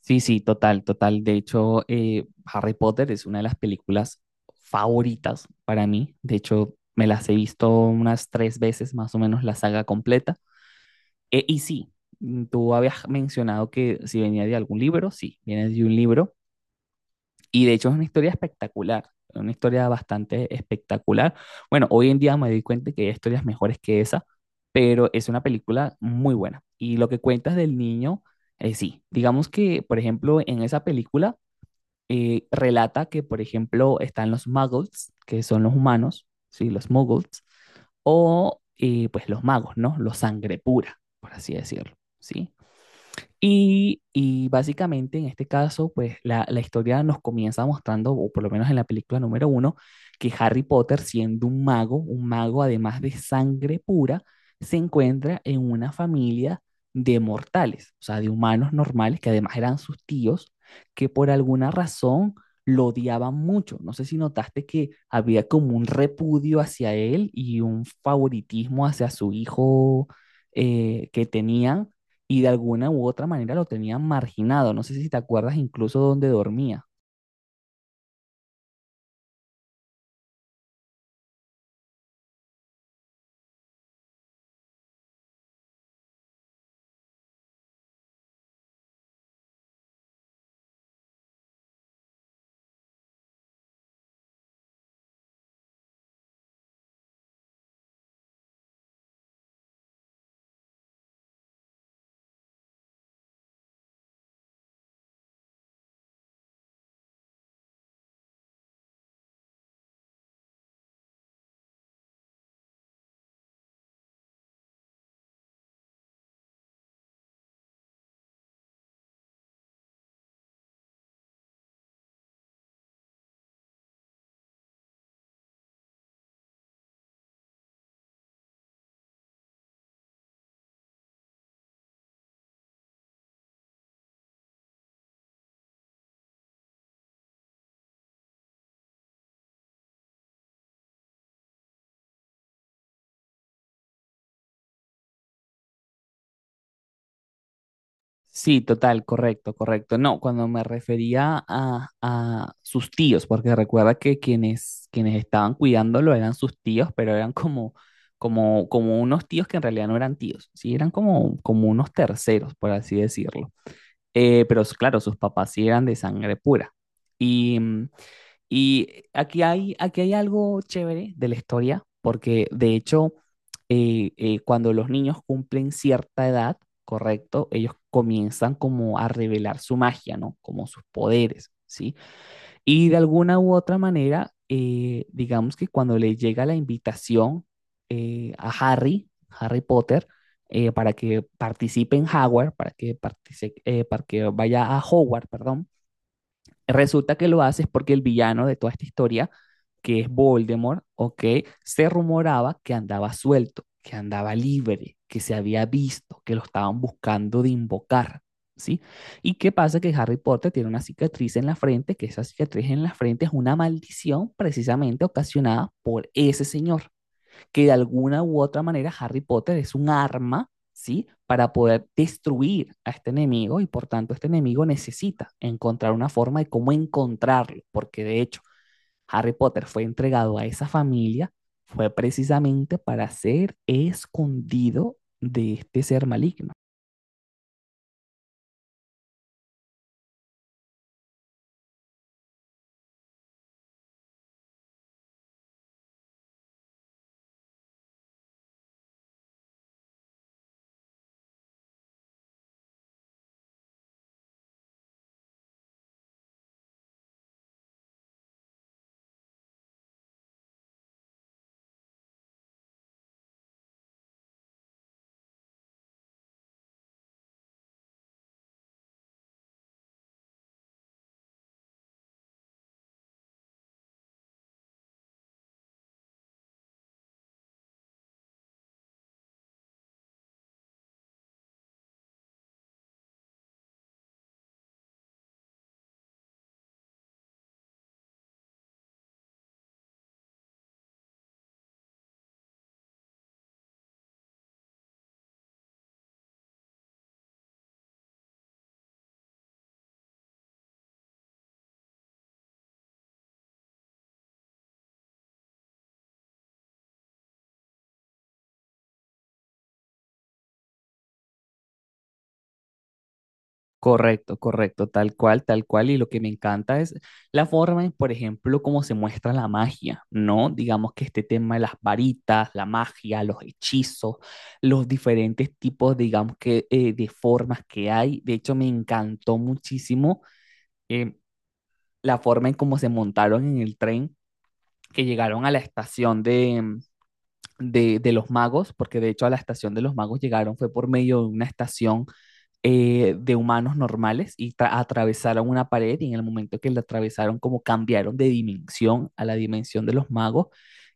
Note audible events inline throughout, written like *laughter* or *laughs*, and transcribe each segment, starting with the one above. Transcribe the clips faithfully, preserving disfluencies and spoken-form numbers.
Sí, sí, total, total. De hecho, eh, Harry Potter es una de las películas favoritas para mí. De hecho, me las he visto unas tres veces más o menos la saga completa. Eh, y sí, mm, Tú habías mencionado que si venía de algún libro, sí, viene de un libro. Y de hecho es una historia espectacular, una historia bastante espectacular. Bueno, hoy en día me doy cuenta que hay historias mejores que esa, pero es una película muy buena. Y lo que cuentas del niño, eh, sí, digamos que, por ejemplo, en esa película eh, relata que, por ejemplo, están los muggles, que son los humanos, ¿sí? Los muggles, o eh, pues los magos, ¿no? Los sangre pura, por así decirlo, ¿sí? Y, y básicamente en este caso, pues la, la historia nos comienza mostrando, o por lo menos en la película número uno, que Harry Potter, siendo un mago, un mago además de sangre pura, se encuentra en una familia de mortales, o sea, de humanos normales, que además eran sus tíos, que por alguna razón lo odiaban mucho. No sé si notaste que había como un repudio hacia él y un favoritismo hacia su hijo eh, que tenían, y de alguna u otra manera lo tenían marginado. No sé si te acuerdas incluso dónde dormía. Sí, total, correcto, correcto. No, cuando me refería a, a sus tíos, porque recuerda que quienes, quienes estaban cuidándolo eran sus tíos, pero eran como, como, como unos tíos que en realidad no eran tíos, sí, eran como, como unos terceros, por así decirlo. Eh, pero s- claro, sus papás sí eran de sangre pura. Y mm, Y aquí hay, aquí hay algo chévere de la historia, porque de hecho, eh, eh, cuando los niños cumplen cierta edad, correcto, ellos comienzan como a revelar su magia, ¿no? Como sus poderes, ¿sí? Y de alguna u otra manera, eh, digamos que cuando le llega la invitación eh, a Harry, Harry Potter, eh, para que participe en Hogwarts, para que, partice- eh, para que vaya a Hogwarts, perdón. Resulta que lo hace es porque el villano de toda esta historia, que es Voldemort, ¿ok? Se rumoraba que andaba suelto, que andaba libre, que se había visto, que lo estaban buscando de invocar, ¿sí? ¿Y qué pasa? Que Harry Potter tiene una cicatriz en la frente, que esa cicatriz en la frente es una maldición precisamente ocasionada por ese señor, que de alguna u otra manera Harry Potter es un arma, ¿sí? Para poder destruir a este enemigo, y por tanto este enemigo necesita encontrar una forma de cómo encontrarlo, porque de hecho Harry Potter fue entregado a esa familia, fue precisamente para ser escondido de este ser maligno. Correcto, correcto, tal cual, tal cual. Y lo que me encanta es la forma en, por ejemplo, cómo se muestra la magia, ¿no? Digamos que este tema de las varitas, la magia, los hechizos, los diferentes tipos, digamos que, eh, de formas que hay. De hecho, me encantó muchísimo eh, la forma en cómo se montaron en el tren, que llegaron a la estación de, de, de los magos, porque de hecho a la estación de los magos llegaron fue por medio de una estación eh, de humanos normales, y tra- atravesaron una pared, y en el momento que la atravesaron como cambiaron de dimensión a la dimensión de los magos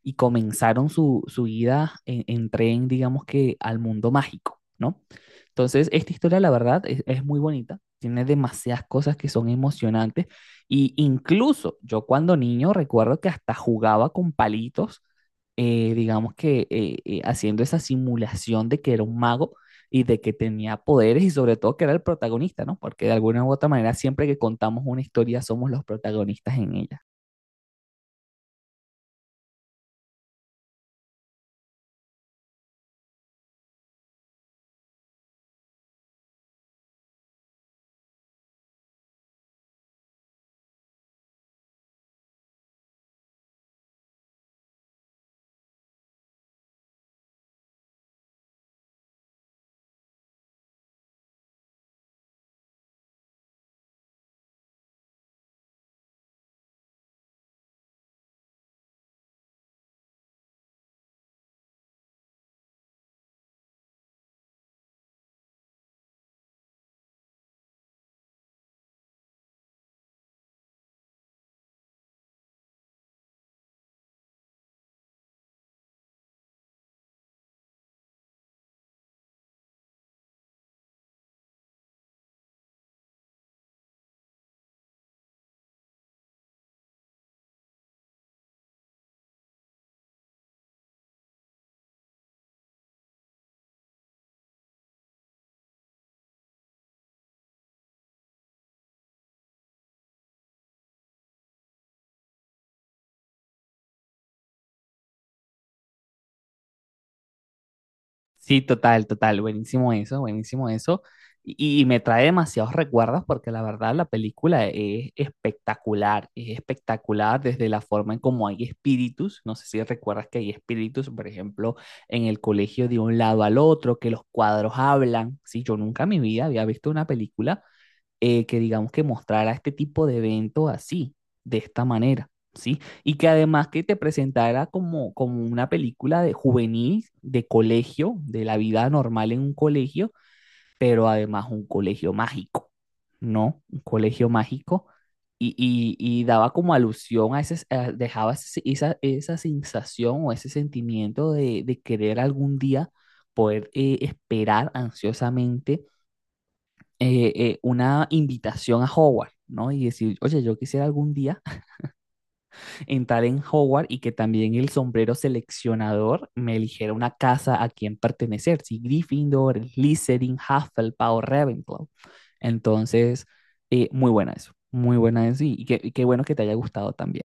y comenzaron su, su ida en, en tren, digamos que al mundo mágico, ¿no? Entonces, esta historia, la verdad, es, es muy bonita, tiene demasiadas cosas que son emocionantes, y incluso yo cuando niño recuerdo que hasta jugaba con palitos, eh, digamos que eh, eh, haciendo esa simulación de que era un mago y de que tenía poderes, y sobre todo que era el protagonista, ¿no? Porque de alguna u otra manera siempre que contamos una historia somos los protagonistas en ella. Sí, total, total, buenísimo eso, buenísimo eso. Y, y me trae demasiados recuerdos, porque la verdad la película es espectacular, es espectacular desde la forma en cómo hay espíritus, no sé si recuerdas que hay espíritus, por ejemplo, en el colegio de un lado al otro, que los cuadros hablan. Sí, yo nunca en mi vida había visto una película eh, que digamos que mostrara este tipo de eventos así, de esta manera, ¿sí? Y que además que te presentara como, como una película de juvenil, de colegio, de la vida normal en un colegio, pero además un colegio mágico, ¿no? Un colegio mágico. Y, y, y daba como alusión a ese, a- dejaba ese- esa, esa sensación o ese sentimiento de, de querer algún día poder eh, esperar ansiosamente eh, eh, una invitación a Hogwarts, ¿no? Y decir, oye, yo quisiera algún día *laughs* entrar en Hogwarts, y que también el sombrero seleccionador me eligiera una casa a quien pertenecer, si Gryffindor, Slytherin, Hufflepuff o Ravenclaw. Entonces, eh, muy buena eso, muy buena eso, y, y qué, y qué bueno que te haya gustado también.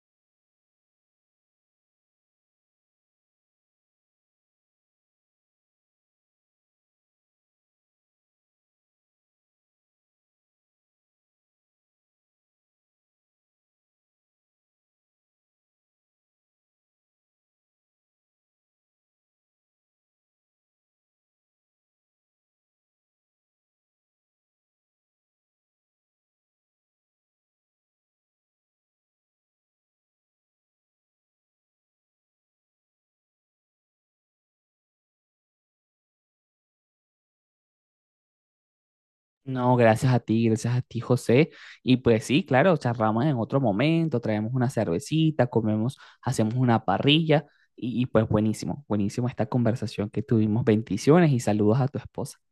No, gracias a ti, gracias a ti, José. Y pues sí, claro, charlamos en otro momento, traemos una cervecita, comemos, hacemos una parrilla, y, y pues buenísimo, buenísimo esta conversación que tuvimos. Bendiciones y saludos a tu esposa.